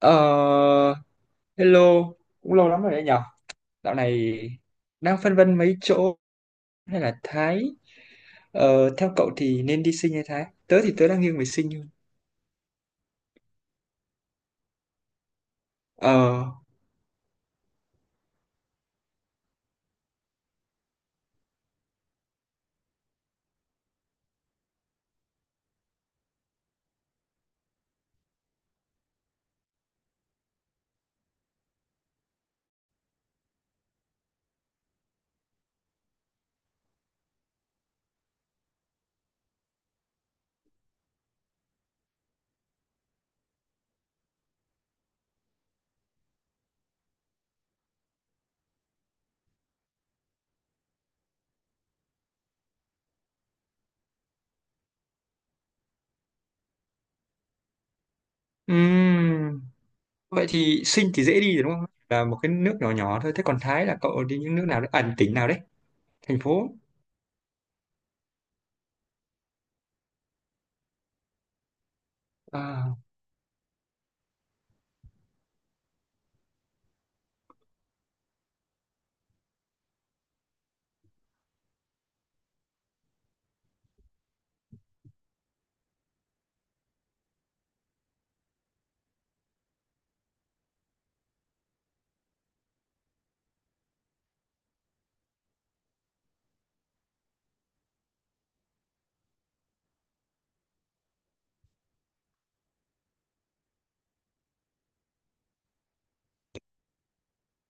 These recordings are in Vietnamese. Ờ, hello, cũng lâu lắm rồi đấy nhở. Dạo này đang phân vân mấy chỗ hay là Thái. Ờ, theo cậu thì nên đi Sinh hay Thái? Tớ thì tớ đang nghiêng về Sinh hơn. Ờ, ừm, vậy thì Sinh thì dễ đi rồi đúng không? Là một cái nước nhỏ nhỏ thôi. Thế còn Thái là cậu đi những nước nào đấy? À, tỉnh nào đấy? Thành phố. À,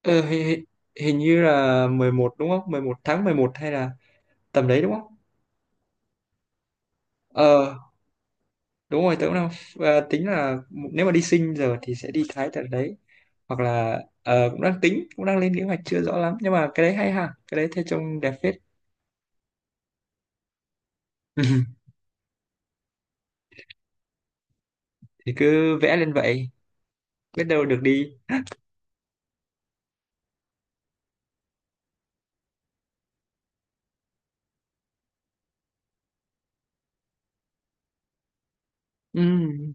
ờ, hình như là 11 đúng không? 11 tháng 11 hay là tầm đấy đúng không? Ờ, đúng rồi, tớ cũng đang tính là nếu mà đi Sinh giờ thì sẽ đi Thái tận đấy. Hoặc là cũng đang tính, cũng đang lên kế hoạch chưa rõ lắm, nhưng mà cái đấy hay ha, cái đấy thấy trông đẹp phết. Thì cứ vẽ lên vậy, biết đâu được đi. Ừ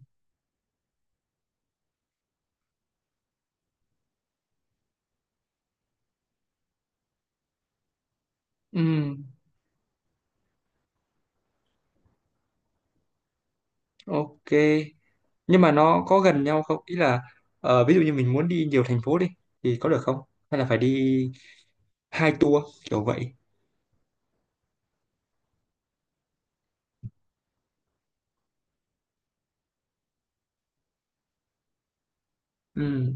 ừ, ok. Nhưng mà nó có gần nhau không, ý là ví dụ như mình muốn đi nhiều thành phố đi thì có được không, hay là phải đi hai tour kiểu vậy? Ừ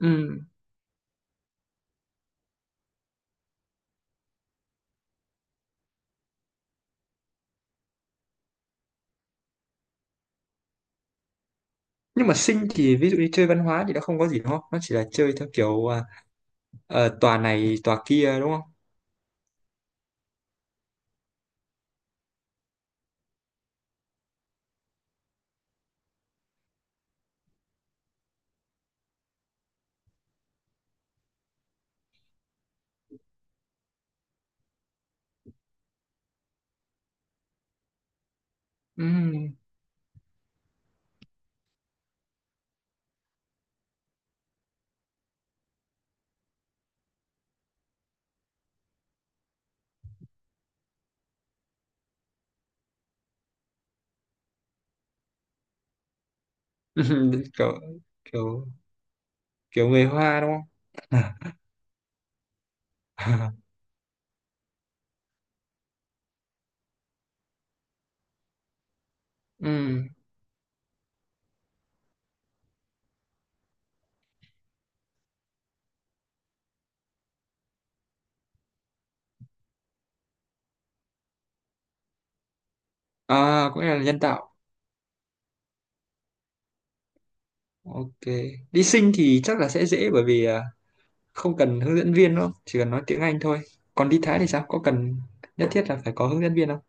ừ. Nhưng mà Sinh thì ví dụ như chơi văn hóa thì nó không có gì đúng không, nó chỉ là chơi theo kiểu tòa này tòa kia đúng không. Ừ. kiểu kiểu kiểu người Hoa đúng không? Ừ. À, cũng là nhân tạo. Ok, đi Sing thì chắc là sẽ dễ, bởi vì không cần hướng dẫn viên đâu, chỉ cần nói tiếng Anh thôi. Còn đi Thái thì sao, có cần nhất thiết là phải có hướng dẫn viên không?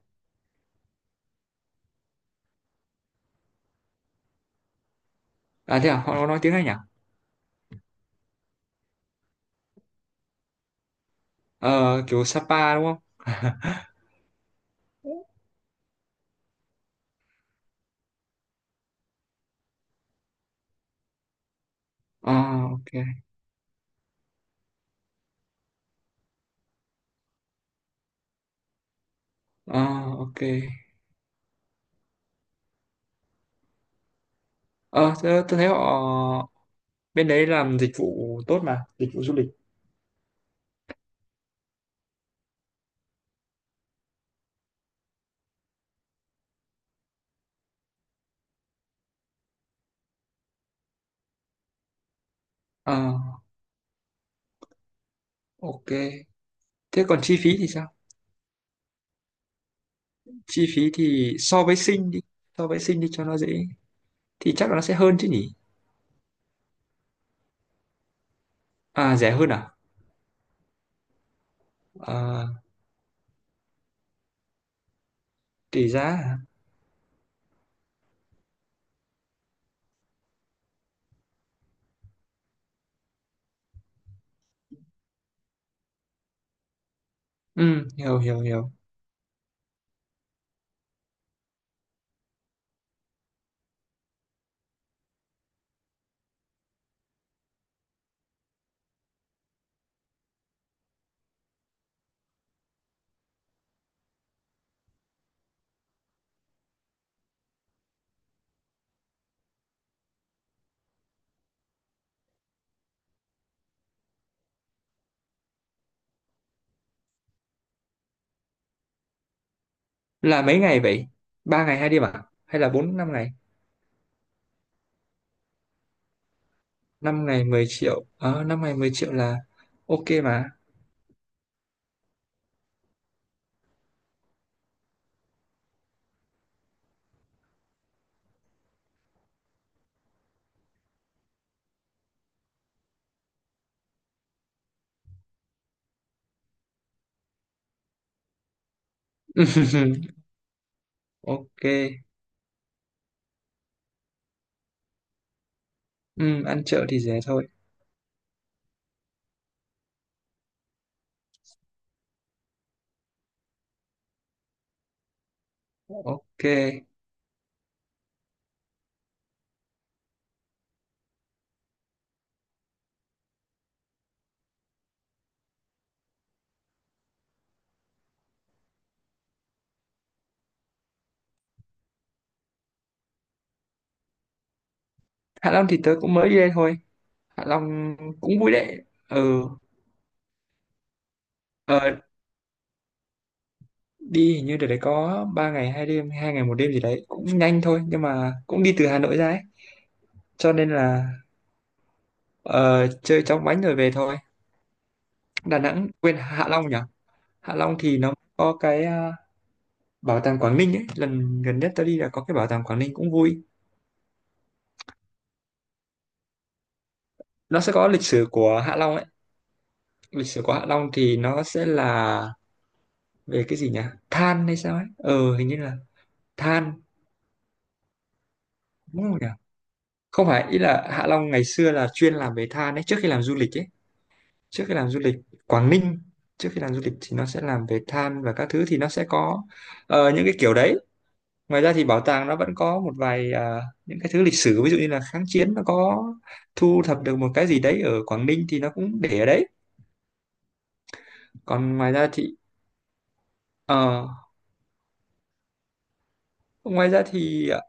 À, thế à, họ có nói tiếng Anh à? Ờ, kiểu Sapa đúng không? À, ok. À, ok. Ờ, tôi thấy họ bên đấy làm dịch vụ tốt, mà dịch vụ du lịch. Ờ, ok. Thế còn chi phí thì sao? Chi phí thì so với Sinh đi cho nó dễ, thì chắc là nó sẽ hơn chứ nhỉ. À, rẻ hơn à? Ờ, tùy giá à? Ừ, hiểu hiểu hiểu. Là mấy ngày vậy, 3 ngày 2 đêm à hay là 4 5 ngày? 5 ngày 10 triệu. Ờ, 5 ngày 10 triệu là ok mà. Ok. Ừ, ăn chợ thì rẻ thôi. Ok. Hạ Long thì tớ cũng mới đi đây thôi. Hạ Long cũng vui đấy. Ừ. ờ, Đi hình như đợt đấy có 3 ngày 2 đêm 2 ngày 1 đêm gì đấy, cũng nhanh thôi, nhưng mà cũng đi từ Hà Nội ra ấy, cho nên là Ờ, chơi chóng vánh rồi về thôi. Đà Nẵng, quên, Hạ Long nhỉ? Hạ Long thì nó có cái bảo tàng Quảng Ninh ấy. Lần gần nhất tôi đi là có cái bảo tàng Quảng Ninh, cũng vui. Nó sẽ có lịch sử của Hạ Long ấy. Lịch sử của Hạ Long thì nó sẽ là về cái gì nhỉ? Than hay sao ấy? Ờ, hình như là than. Đúng không nhỉ? Không phải, ý là Hạ Long ngày xưa là chuyên làm về than ấy. Trước khi làm du lịch ấy. Trước khi làm du lịch Quảng Ninh. Trước khi làm du lịch thì nó sẽ làm về than và các thứ, thì nó sẽ có những cái kiểu đấy. Ngoài ra thì bảo tàng nó vẫn có một vài những cái thứ lịch sử, ví dụ như là kháng chiến nó có thu thập được một cái gì đấy ở Quảng Ninh thì nó cũng để ở đấy. Còn ngoài ra thì ờ, ngoài ra thì à,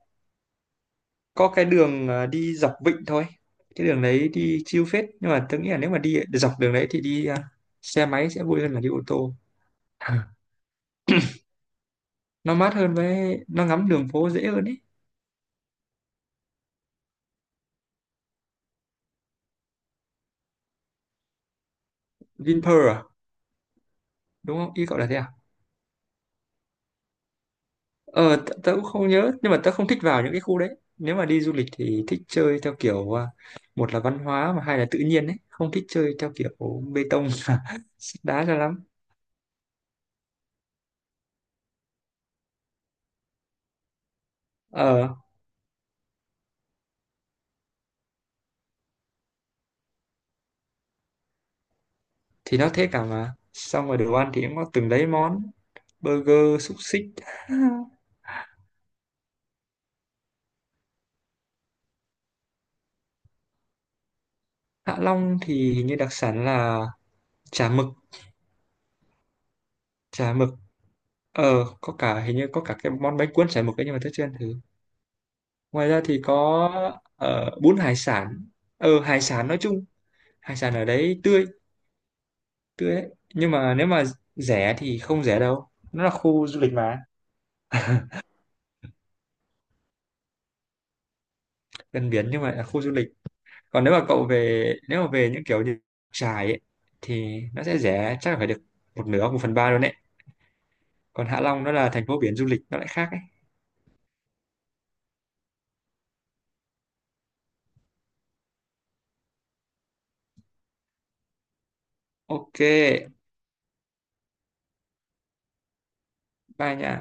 có cái đường đi dọc vịnh thôi. Cái đường đấy đi chill phết, nhưng mà tôi nghĩ là nếu mà đi dọc đường đấy thì đi xe máy sẽ vui hơn là đi ô tô. Nó mát hơn, với nó ngắm đường phố dễ hơn ý. Vinpearl à? Đúng không, ý cậu là thế à? Ờ, tớ cũng không nhớ, nhưng mà tớ không thích vào những cái khu đấy. Nếu mà đi du lịch thì thích chơi theo kiểu một là văn hóa mà hai là tự nhiên ấy, không thích chơi theo kiểu bê tông sét đá cho lắm. Ờ, thì nó thế cả mà. Xong rồi đồ ăn thì cũng có từng đấy món, burger, xúc xích. Hạ Long thì hình như đặc sản là chả mực, chả mực. Ờ, có cả, hình như có cả cái món bánh cuốn chả mực ấy, nhưng mà tớ chưa ăn thử. Ngoài ra thì có bún hải sản. Ờ, hải sản nói chung, hải sản ở đấy tươi, tươi đấy. Nhưng mà nếu mà rẻ thì không rẻ đâu, nó là khu du lịch mà. Gần biển nhưng mà là khu du lịch. Còn nếu mà về những kiểu như Trải ấy, thì nó sẽ rẻ, chắc là phải được một nửa 1/3 luôn đấy. Còn Hạ Long nó là thành phố biển du lịch nó lại khác ấy. Ok, bye nha.